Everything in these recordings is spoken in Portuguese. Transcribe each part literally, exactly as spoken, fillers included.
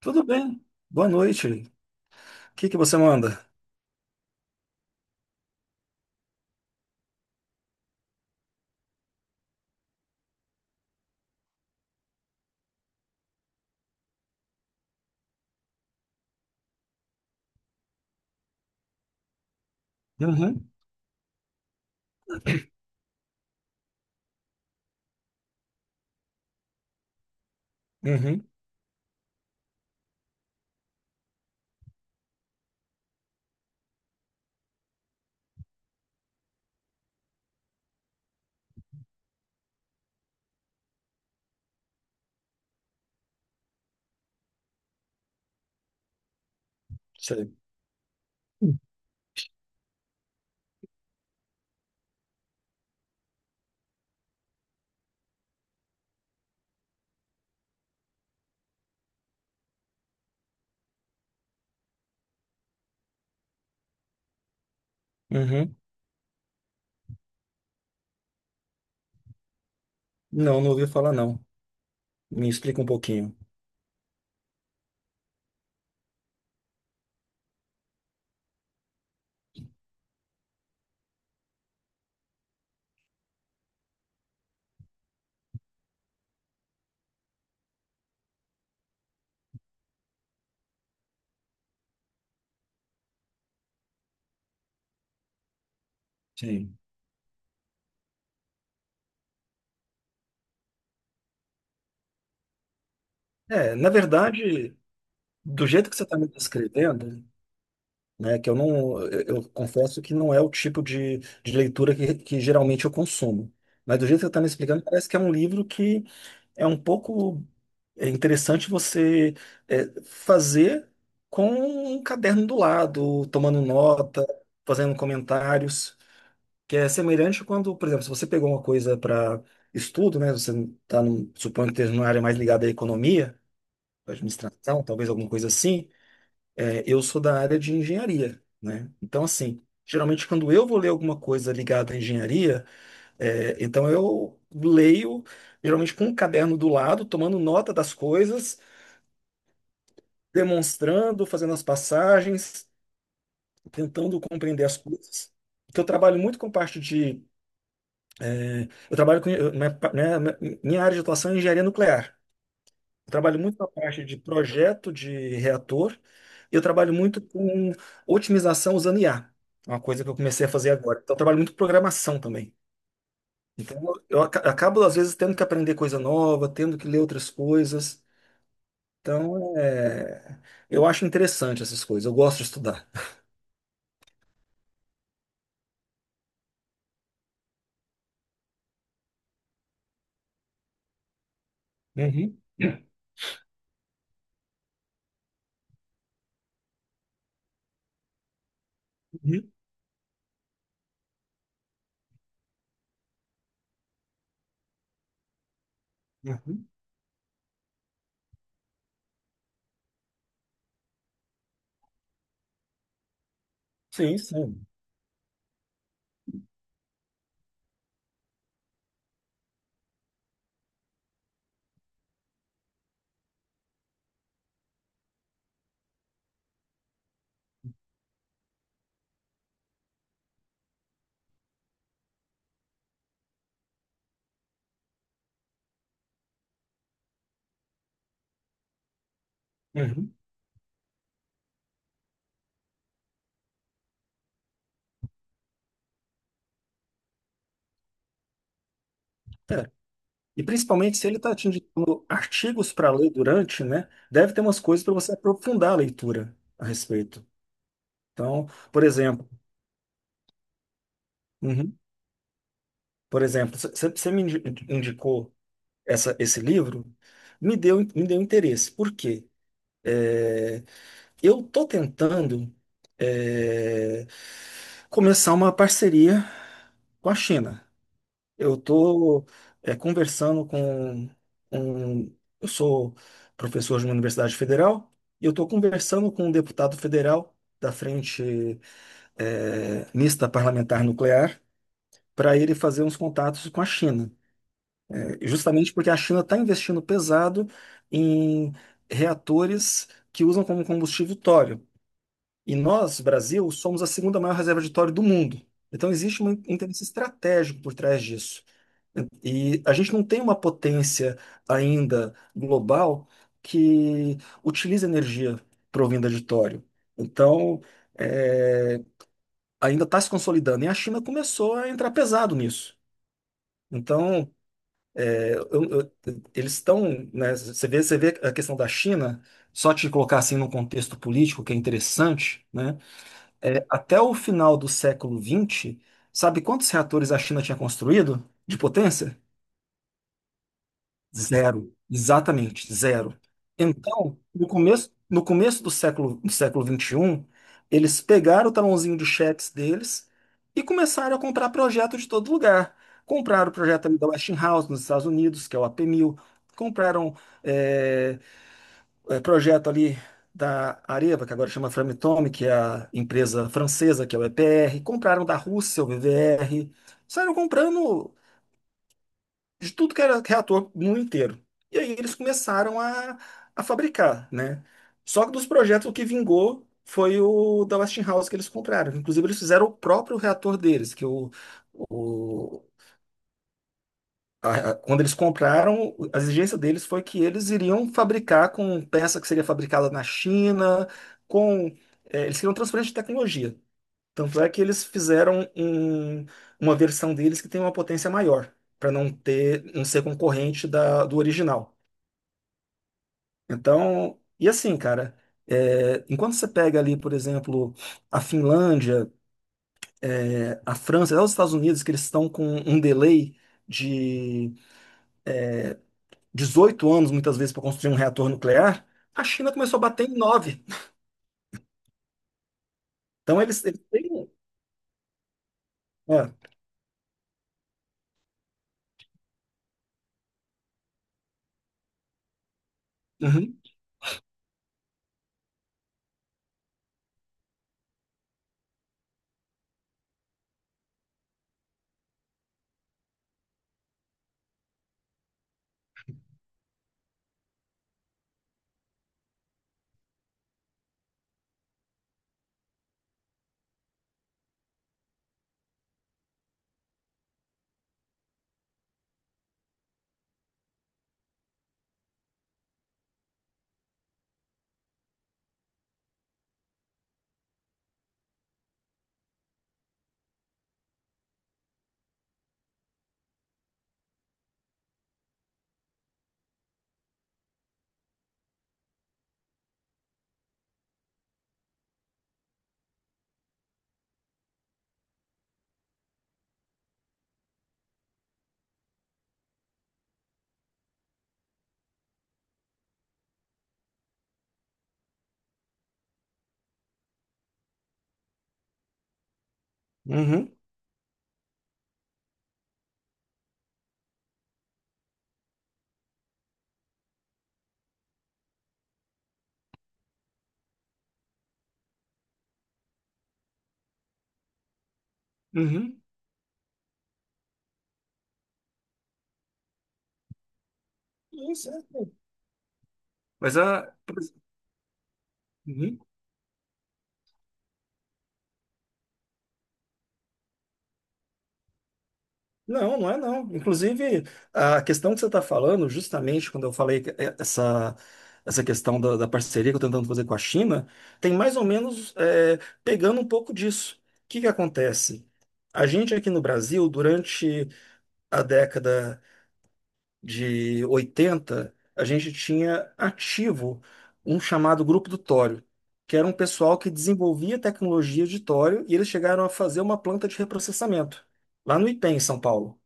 Tudo bem. Boa noite. O que que você manda? Uhum, uhum, sei. Uhum. Não, não ouvi falar, não. Me explica um pouquinho. Sim. É, na verdade, do jeito que você está me descrevendo, né, que eu não, eu, eu confesso que não é o tipo de, de leitura que, que geralmente eu consumo. Mas do jeito que você está me explicando, parece que é um livro que é um pouco, é interessante você é, fazer com um caderno do lado, tomando nota, fazendo comentários, que é semelhante quando, por exemplo, se você pegou uma coisa para estudo, né? Você está, suponho que esteja numa área mais ligada à economia, à administração, talvez alguma coisa assim. É, eu sou da área de engenharia, né? Então, assim, geralmente quando eu vou ler alguma coisa ligada à engenharia, é, então eu leio geralmente com um caderno do lado, tomando nota das coisas, demonstrando, fazendo as passagens, tentando compreender as coisas. Porque eu trabalho muito com parte de. Eu trabalho com. eu- Minha, pa- minha, minha área de atuação é engenharia nuclear. Eu trabalho muito na parte de projeto de reator e eu trabalho muito com otimização usando I A. É uma coisa que eu comecei a fazer agora. Então, eu trabalho muito com programação também. Então, eu aca- acabo, às vezes, tendo que aprender coisa nova, tendo que ler outras coisas. Então, é, eu acho interessante essas coisas. Eu gosto de estudar. Uhum, uhum, uhum. Sim, sim. Uhum. É. E principalmente se ele está te indicando artigos para ler durante, né? Deve ter umas coisas para você aprofundar a leitura a respeito. Então, por exemplo, uhum, por exemplo, você me indi- indicou essa, esse livro, me deu, me deu interesse. Por quê? É, eu estou tentando, é, começar uma parceria com a China. Eu estou conversando com um. Eu sou professor de uma universidade federal e eu estou conversando com um deputado federal da Frente eh, Mista Parlamentar Nuclear para ele fazer uns contatos com a China. Eh, justamente porque a China está investindo pesado em reatores que usam como combustível tório. E nós, Brasil, somos a segunda maior reserva de tório do mundo. Então existe um interesse estratégico por trás disso. E a gente não tem uma potência ainda global que utiliza energia provinda de tório. Então, é, ainda está se consolidando. E a China começou a entrar pesado nisso. Então, é, eu- eu- eles estão, né, você vê, você vê a questão da China, só te colocar assim num contexto político que é interessante, né? É, até o final do século vinte, sabe quantos reatores a China tinha construído de potência? Zero, exatamente, zero. Então, no começo, no começo do século, do século vinte e um, eles pegaram o talãozinho de cheques deles e começaram a comprar projeto de todo lugar. Compraram o projeto ali da Westinghouse nos Estados Unidos, que é o A P mil. Compraram, é, é, projeto ali da Areva, que agora chama Framatome, que é a empresa francesa, que é o E P R. Compraram da Rússia, o V V R. Saíram comprando de tudo que era reator no mundo inteiro. E aí eles começaram a, a fabricar, né? Só que dos projetos o que vingou foi o da Westinghouse que eles compraram. Inclusive eles fizeram o próprio reator deles, que o, o- a- a- quando eles compraram, a exigência deles foi que eles iriam fabricar com peça que seria fabricada na China, com eh, eles queriam transferência de tecnologia. Tanto é que eles fizeram um- uma versão deles que tem uma potência maior, para não ter, não ser concorrente da, do original. Então, e assim, cara, é, enquanto você pega ali, por exemplo, a Finlândia, é, a França, até os Estados Unidos, que eles estão com um delay de dezoito anos, muitas vezes, para construir um reator nuclear, a China começou a bater em nove. Então, eles, eles têm. um, É, uhum, uhum, uhum. Isso, é. Mas a. Não, não é não. Inclusive, a questão que você está falando, justamente quando eu falei que é- essa, essa questão da, da parceria que eu estou tentando fazer com a China, tem mais ou menos, é, pegando um pouco disso. O que que acontece? A gente aqui no Brasil, durante a década de oitenta, a gente tinha ativo um chamado Grupo do Tório, que era um pessoal que desenvolvia tecnologia de tório e eles chegaram a fazer uma planta de reprocessamento, lá no IPEM, em São Paulo.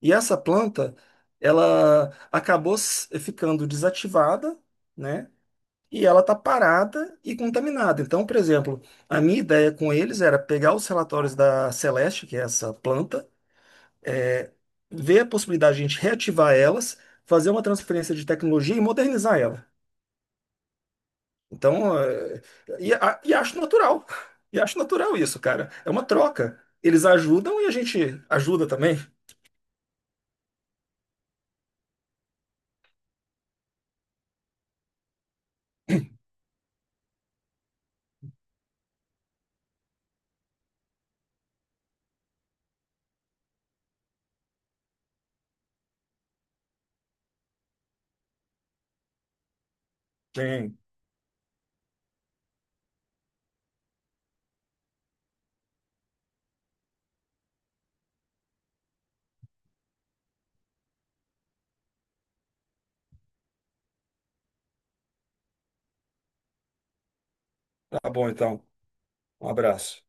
E essa planta, ela acabou s- ficando desativada, né? E ela está parada e contaminada. Então, por exemplo, a minha ideia com eles era pegar os relatórios da Celeste, que é essa planta, é, ver a possibilidade de a gente reativar elas, fazer uma transferência de tecnologia e modernizar ela. Então, é, e, a- e acho natural. E acho natural isso, cara. É uma troca. Eles ajudam e a gente ajuda também. Sim, tá bom então. Um abraço.